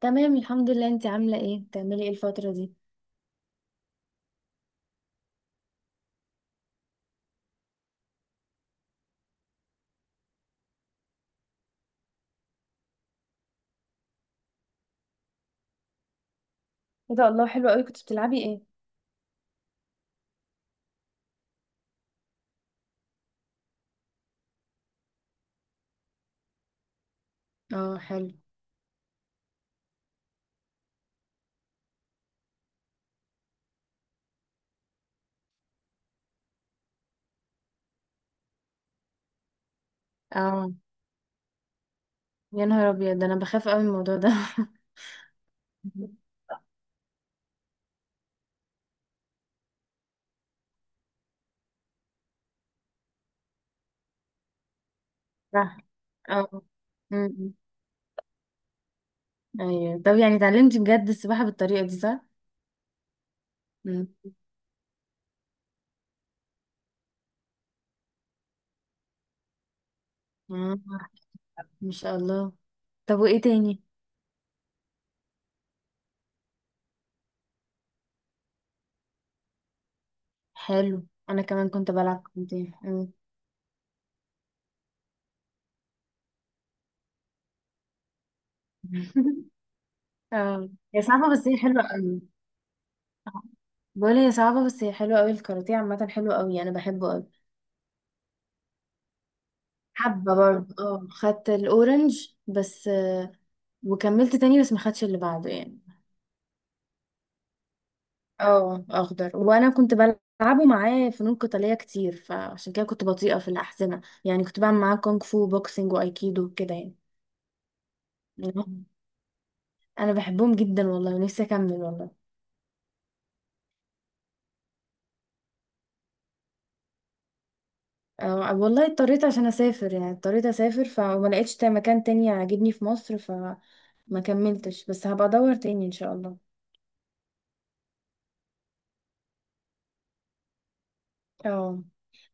تمام. الحمد لله، انت عاملة ايه؟ بتعملي ايه الفترة دي؟ ايه ده! الله، حلو قوي. كنت بتلعبي ايه؟ اه، حلو. اه، يا نهار ابيض، ده انا بخاف قوي من الموضوع ده. صح. اه. أمم. ايوه، طب يعني اتعلمتي بجد السباحة بالطريقة دي، صح؟ أمم. اه، ما شاء الله. طب وايه تاني؟ حلو. انا كمان كنت بلعب كونتين. أمم. اه، هي صعبة بس هي حلوة قوي. آه. بقول هي صعبة بس هي حلوة قوي، الكاراتيه عامة حلو قوي، انا بحبه قوي. حبة برضه، اه خدت الاورنج بس، وكملت تاني بس ما خدتش اللي بعده يعني. اه، اخضر. وانا كنت بلعبه معاه فنون قتالية كتير، فعشان كده كنت بطيئة في الأحزمة، يعني كنت بعمل معاه كونغ فو، بوكسنج، وايكيدو كده يعني. مم. انا بحبهم جدا والله، ونفسي اكمل والله. والله اضطريت عشان اسافر، يعني اضطريت اسافر فما لقيتش مكان تاني عاجبني في مصر، فما كملتش، بس هبقى ادور تاني ان شاء الله. اه،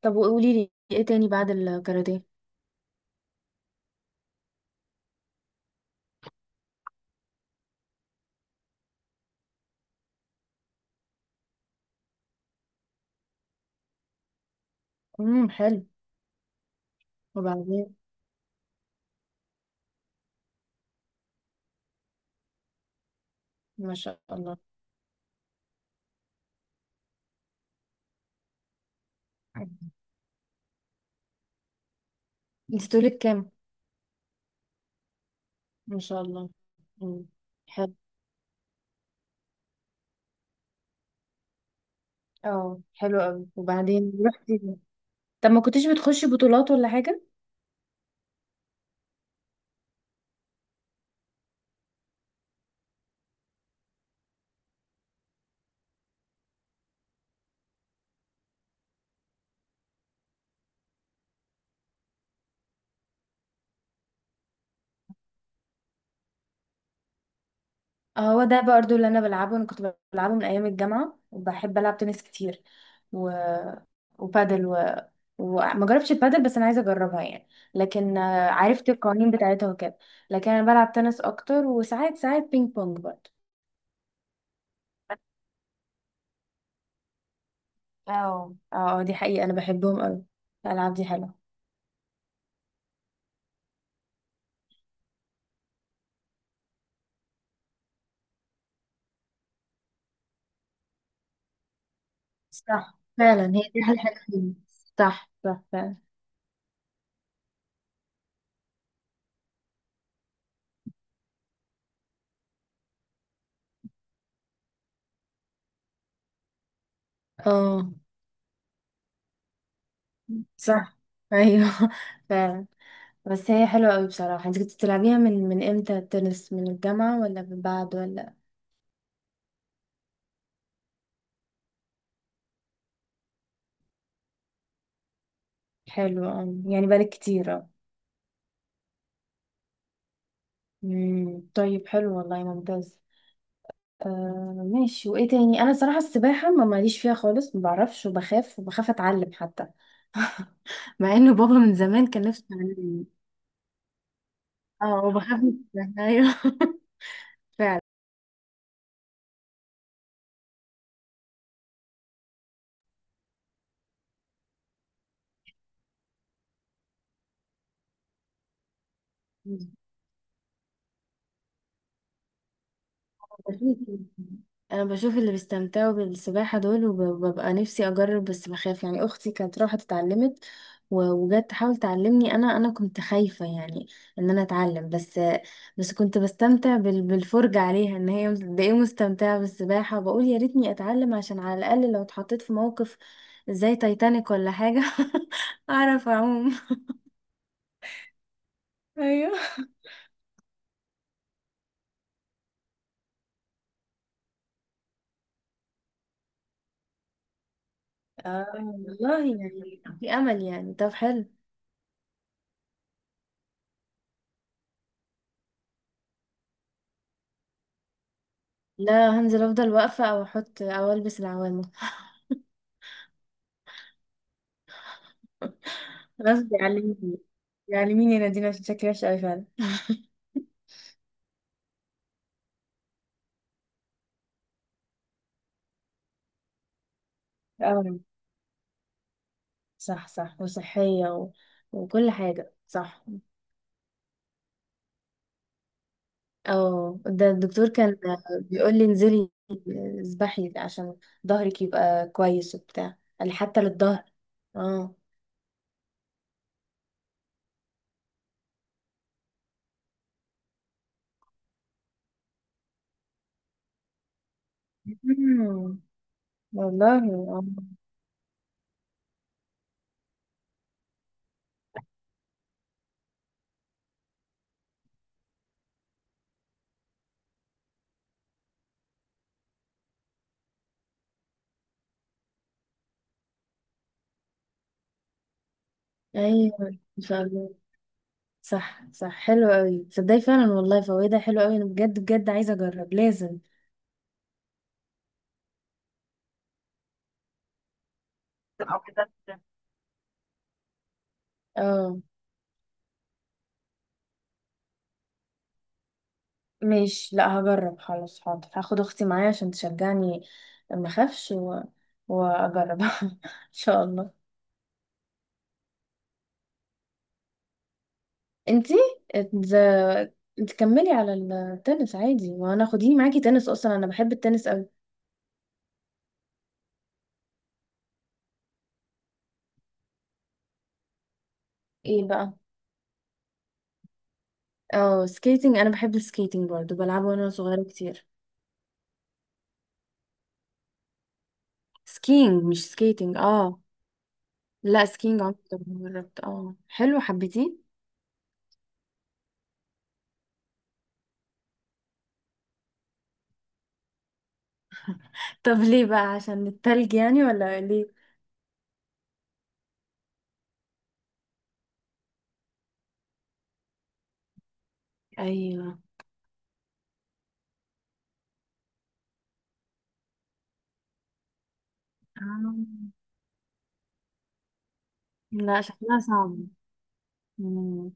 طب وقولي لي ايه تاني بعد الكاراتيه؟ حلو. وبعدين؟ ما شاء الله. انت طولك كام؟ ما شاء الله. امم حلو. اه، حلو قوي. وبعدين رحتي؟ طب ما كنتيش بتخشي بطولات ولا حاجه؟ هو ده برضه اللي انا بلعبه. انا كنت بلعبه من ايام الجامعه، وبحب العب تنس كتير و... وبادل وما جربتش البادل، بس انا عايزه اجربها يعني. لكن عرفت القوانين بتاعتها وكده. لكن انا بلعب تنس اكتر، وساعات ساعات بينج بونج برضه. اه، اه، دي حقيقة، انا بحبهم قوي. الالعاب دي حلوة. صح فعلا، هي دي احلى حاجة فيهم. صح، صح، فعلا. اه، صح. ايوه. فعلا. بس هي حلوة قوي بصراحة. انت كنت بتلعبيها من امتى التنس؟ من الجامعة ولا من بعد ولا؟ حلو، اه يعني بالك كتير، اه. طيب، حلو والله، ممتاز. آه، ماشي. وايه تاني؟ انا صراحة السباحة ما ماليش فيها خالص، ما بعرفش، وبخاف، وبخاف اتعلم حتى، مع انه بابا من زمان كان نفسه يعلمني. اه، بخاف من السباحة. ايوه. فعلا. بشوف. انا بشوف اللي بيستمتعوا بالسباحة دول، وببقى نفسي اجرب بس بخاف يعني. اختي كانت راحت اتعلمت وجت تحاول تعلمني، انا كنت خايفة يعني، ان انا اتعلم، بس بس كنت بستمتع بالفرجة عليها، ان هي قد ايه مستمتعة بالسباحة، وبقول يا ريتني اتعلم عشان على الاقل لو اتحطيت في موقف زي تايتانيك ولا حاجة، اعرف اعوم. ايوه. اه، والله يعني في امل يعني. طب، حلو. لا، هنزل افضل واقفه، او احط، او البس العوامه. غصب يعلمني، يعلميني يا نادين عشان شكلي وحش قوي فعلا. اه، صح، صح وصحيه وكل حاجه، صح. اه، ده الدكتور كان بيقول لي انزلي، اسبحي عشان ظهرك يبقى كويس وبتاع. قال لي حتى للظهر. اه. مم. والله. آه. ايوه، ان شاء الله. صح، صح، حلو قوي تصدقي فعلا والله، فوائدها حلو قوي. انا بجد بجد عايزه اجرب لازم، او كده. اه، ماشي. لا، هجرب خلاص. حاضر، هاخد اختي معايا عشان تشجعني، ما اخافش واجرب. ان شاء الله. انتي ات- انت كملي على التنس عادي، وانا خديني معاكي تنس، اصلا انا بحب التنس قوي. ايه بقى؟ اه، سكيتنج. انا بحب السكيتنج برضه، بلعبه وانا صغيره كتير. سكينج مش سكيتنج، اه. لا، سكينج عمري طبعاً جربت. اه، حلو، حبيتيه؟ طب ليه بقى؟ عشان التلج يعني ولا ليه؟ ايوه. آه. لا، شكلها صعب. مم. ان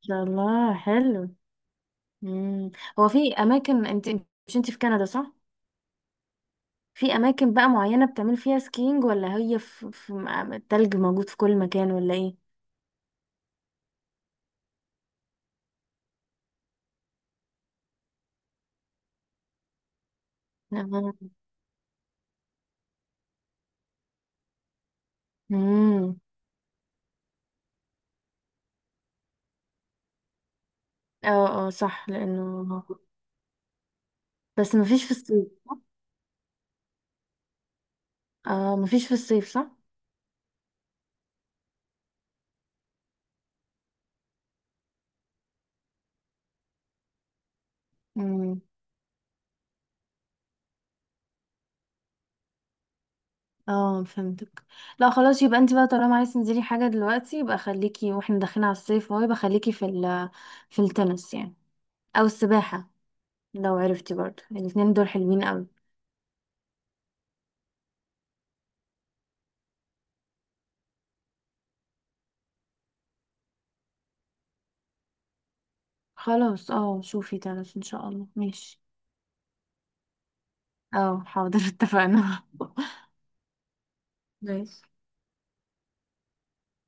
شاء الله. حلو. مم. هو في اماكن انت مش انت في كندا، صح؟ في اماكن بقى معينة بتعمل فيها سكينج، ولا هي في التلج موجود في كل مكان ولا ايه؟ آه. مم. اه، اه، صح، لانه. بس مفيش في الصيف. اه، مفيش في الصيف، صح. اه، فهمتك. لا، خلاص. يبقى انت بقى طالما عايز تنزلي حاجة دلوقتي يبقى خليكي، واحنا داخلين على الصيف اهو، يبقى خليكي في التنس يعني، او السباحة. لو عرفتي برضه، الاتنين دول حلوين قوي. خلاص، اه، شوفي تنس ان شاء الله. ماشي. اه، حاضر اتفقنا. ماشي.